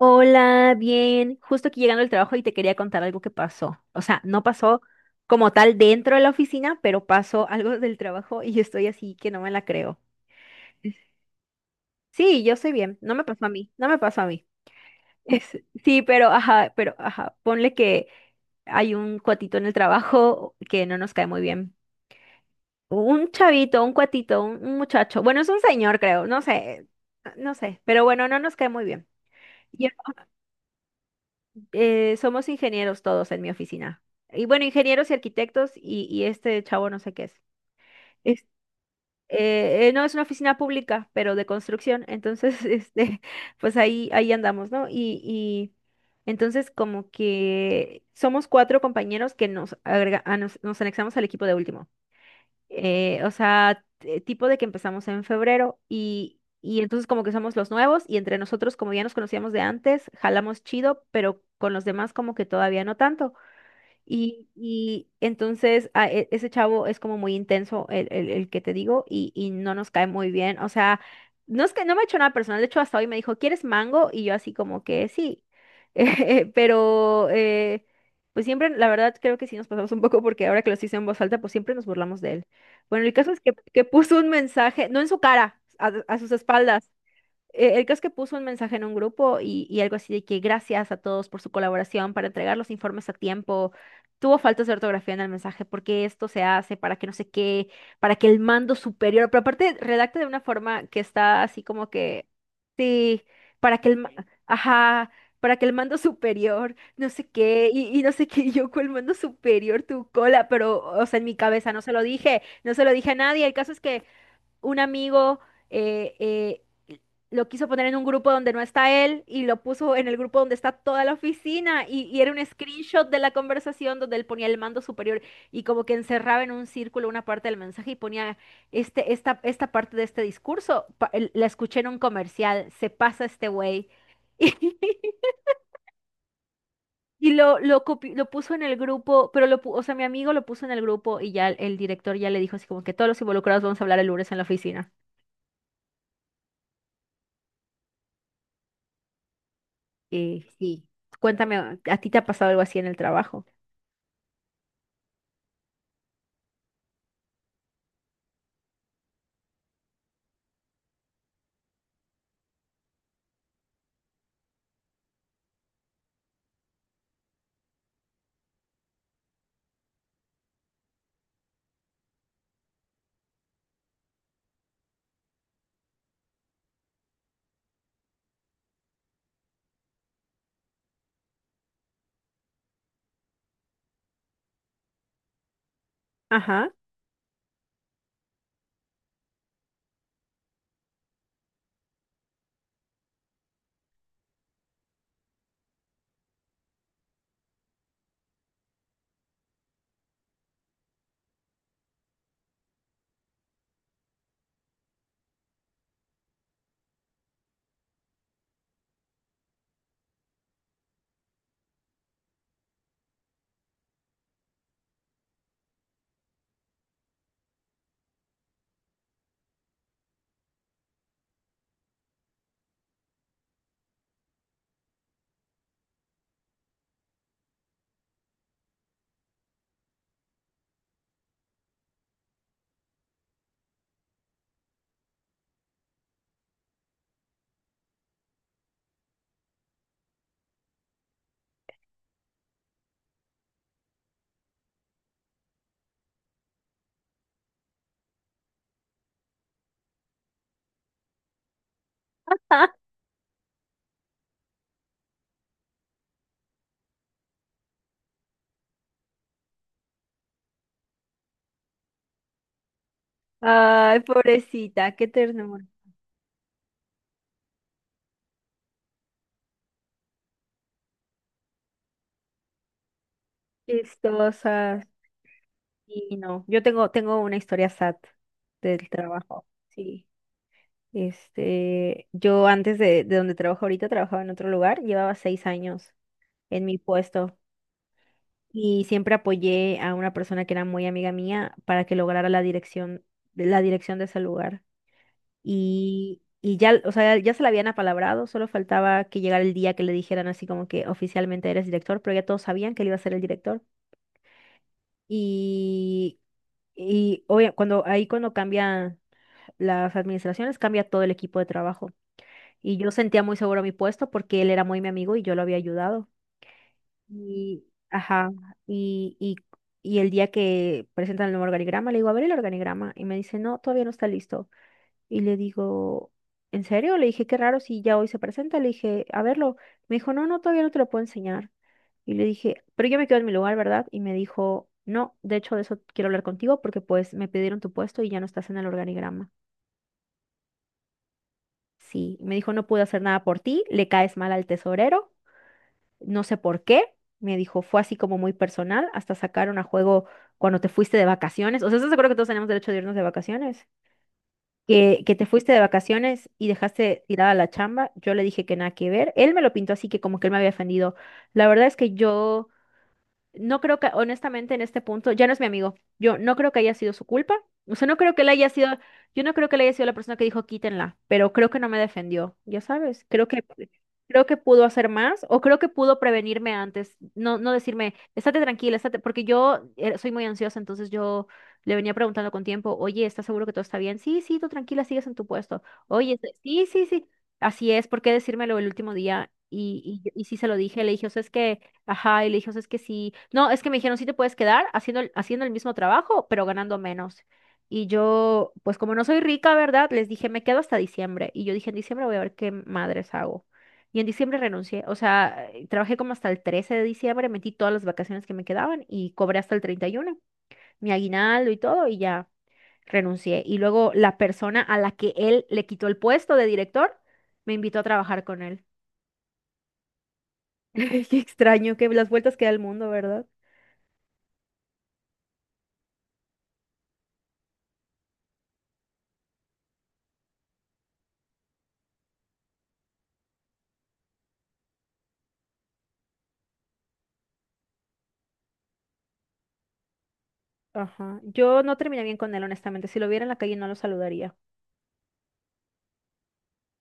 Hola, bien. Justo aquí llegando al trabajo y te quería contar algo que pasó. O sea, no pasó como tal dentro de la oficina, pero pasó algo del trabajo y yo estoy así que no me la creo. Sí, yo sé bien. No me pasó a mí. No me pasó a mí. Es- sí, pero ajá, pero ajá. Ponle que hay un cuatito en el trabajo que no nos cae muy bien. Un chavito, un cuatito, un muchacho. Bueno, es un señor, creo. No sé, no sé. Pero bueno, no nos cae muy bien. Somos ingenieros todos en mi oficina. Y bueno, ingenieros y arquitectos y este chavo no sé qué es. Es- no es una oficina pública, pero de construcción. Entonces, pues ahí andamos, ¿no? Y entonces como que somos cuatro compañeros que nos, agrega- a nos, nos anexamos al equipo de último o sea, tipo de que empezamos en febrero y entonces como que somos los nuevos y entre nosotros como ya nos conocíamos de antes, jalamos chido, pero con los demás como que todavía no tanto. Y entonces ese chavo es como muy intenso, el que te digo, y no nos cae muy bien. O sea, no es que no me ha hecho nada personal. De hecho, hasta hoy me dijo, ¿quieres mango? Y yo así como que sí. Pero, pues siempre, la verdad, creo que sí nos pasamos un poco porque ahora que lo hice en voz alta, pues siempre nos burlamos de él. Bueno, el caso es que puso un mensaje, no en su cara, a sus espaldas. El caso es que puso un mensaje en un grupo y algo así de que gracias a todos por su colaboración para entregar los informes a tiempo. Tuvo faltas de ortografía en el mensaje, porque esto se hace para que no sé qué, para que el mando superior, pero aparte redacta de una forma que está así como que, sí, para que ajá, para que el mando superior, no sé qué, y no sé qué, y yo con el mando superior, tu cola, pero, o sea, en mi cabeza no se lo dije, no se lo dije a nadie. El caso es que un amigo eh, eh, lo quiso poner en un grupo donde no está él y lo puso en el grupo donde está toda la oficina y era un screenshot de la conversación donde él ponía el mando superior y como que encerraba en un círculo una parte del mensaje y ponía esta parte de este discurso, la escuché en un comercial, se pasa este güey. Y lo puso en el grupo, pero o sea, mi amigo lo puso en el grupo y ya el director ya le dijo así como que todos los involucrados vamos a hablar el lunes en la oficina. Sí. Cuéntame, ¿a ti te ha pasado algo así en el trabajo? Ajá. Ay, pobrecita, qué ternura. Chistosas. Y no, yo tengo una historia sad del trabajo. Sí. Yo antes de donde trabajo ahorita, trabajaba en otro lugar, llevaba 6 años en mi puesto y siempre apoyé a una persona que era muy amiga mía para que lograra la dirección de ese lugar. Y ya, o sea, ya se la habían apalabrado, solo faltaba que llegara el día que le dijeran así como que oficialmente eres director, pero ya todos sabían que él iba a ser el director. Y, y ahí cuando cambian las administraciones, cambia todo el equipo de trabajo. Y yo sentía muy seguro mi puesto porque él era muy mi amigo y yo lo había ayudado. Y ajá, y, y, y el día que presentan el nuevo organigrama, le digo, a ver el organigrama. Y me dice, no, todavía no está listo. Y le digo, ¿en serio? Le dije, qué raro si ya hoy se presenta. Le dije, a verlo. Me dijo, no, no, todavía no te lo puedo enseñar. Y le dije, pero yo me quedo en mi lugar, ¿verdad? Y me dijo, no, de hecho de eso quiero hablar contigo porque pues me pidieron tu puesto y ya no estás en el organigrama. Sí, y me dijo, no pude hacer nada por ti, le caes mal al tesorero, no sé por qué. Me dijo, fue así como muy personal, hasta sacaron a juego cuando te fuiste de vacaciones. O sea, ¿estás de acuerdo que todos tenemos derecho de irnos de vacaciones? Que te fuiste de vacaciones y dejaste tirada la chamba. Yo le dije que nada que ver. Él me lo pintó así que como que él me había ofendido. La verdad es que yo no creo que, honestamente, en este punto, ya no es mi amigo. Yo no creo que haya sido su culpa. O sea, no creo que él haya sido, yo no creo que él haya sido la persona que dijo quítenla, pero creo que no me defendió, ya sabes. Creo que pudo hacer más o creo que pudo prevenirme antes. No, no decirme, estate tranquila, estate, porque yo soy muy ansiosa, entonces yo le venía preguntando con tiempo, oye, ¿estás seguro que todo está bien? Sí, sí, tú tranquila, sigues en tu puesto. Oye, sí, sí, sí. Así es, ¿por qué decírmelo el último día? Y sí se lo dije, le dije, o sea, es que ajá, y le dije, o sea, es que sí, no, es que me dijeron, sí te puedes quedar haciendo haciendo el mismo trabajo, pero ganando menos. Y yo, pues como no soy rica, ¿verdad? Les dije, me quedo hasta diciembre. Y yo dije, en diciembre voy a ver qué madres hago. Y en diciembre renuncié, o sea, trabajé como hasta el 13 de diciembre, metí todas las vacaciones que me quedaban y cobré hasta el 31 mi aguinaldo y todo, y ya renuncié. Y luego la persona a la que él le quitó el puesto de director, me invitó a trabajar con él. Qué extraño, que las vueltas que da el mundo, ¿verdad? Ajá. Yo no terminé bien con él, honestamente. Si lo viera en la calle, no lo saludaría.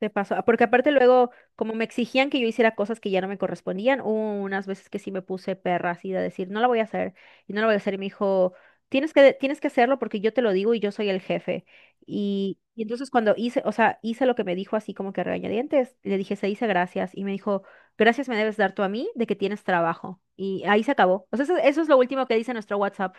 De paso. Ah, porque aparte luego, como me exigían que yo hiciera cosas que ya no me correspondían, hubo unas veces que sí me puse perra así de decir, no la voy a hacer, y no la voy a hacer. Y me dijo, tienes que hacerlo porque yo te lo digo y yo soy el jefe. Y entonces cuando hice, o sea, hice lo que me dijo así como que a regañadientes, le dije, se dice gracias. Y me dijo, gracias me debes dar tú a mí de que tienes trabajo. Y ahí se acabó. O sea, eso es lo último que dice nuestro WhatsApp.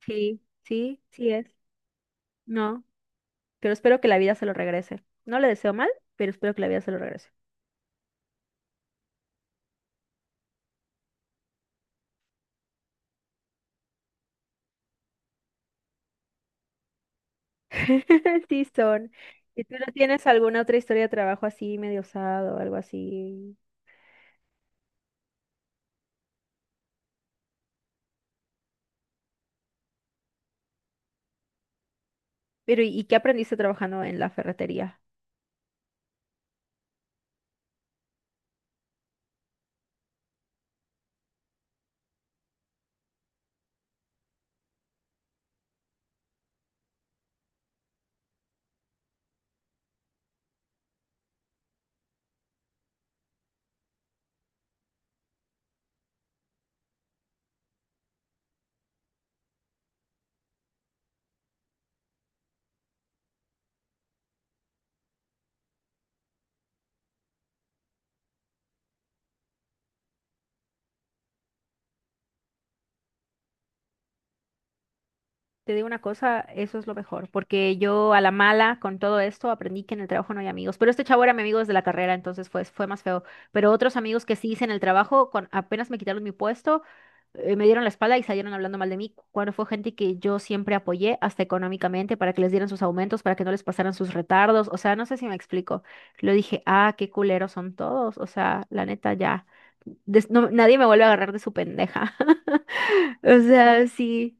Sí, sí, sí es. No, pero espero que la vida se lo regrese. No le deseo mal, pero espero que la vida se lo regrese. Sí son. ¿Y tú no tienes alguna otra historia de trabajo así, medio osado o algo así? Pero, ¿y qué aprendiste trabajando en la ferretería? Te digo una cosa, eso es lo mejor, porque yo a la mala con todo esto aprendí que en el trabajo no hay amigos, pero este chavo era mi amigo desde la carrera, entonces fue más feo, pero otros amigos que sí hice en el trabajo, apenas me quitaron mi puesto, me dieron la espalda y salieron hablando mal de mí, cuando fue gente que yo siempre apoyé hasta económicamente para que les dieran sus aumentos, para que no les pasaran sus retardos, o sea, no sé si me explico. Lo dije, ah, qué culeros son todos, o sea, la neta ya, nadie me vuelve a agarrar de su pendeja. O sea, sí,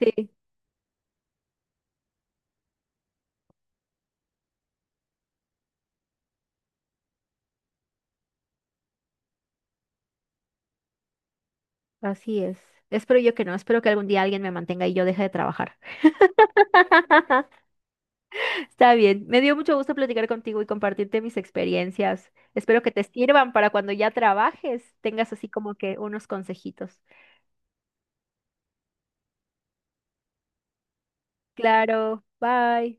sí, así es. Espero yo que no, espero que algún día alguien me mantenga y yo deje de trabajar. Está bien, me dio mucho gusto platicar contigo y compartirte mis experiencias. Espero que te sirvan para cuando ya trabajes, tengas así como que unos consejitos. Claro, bye.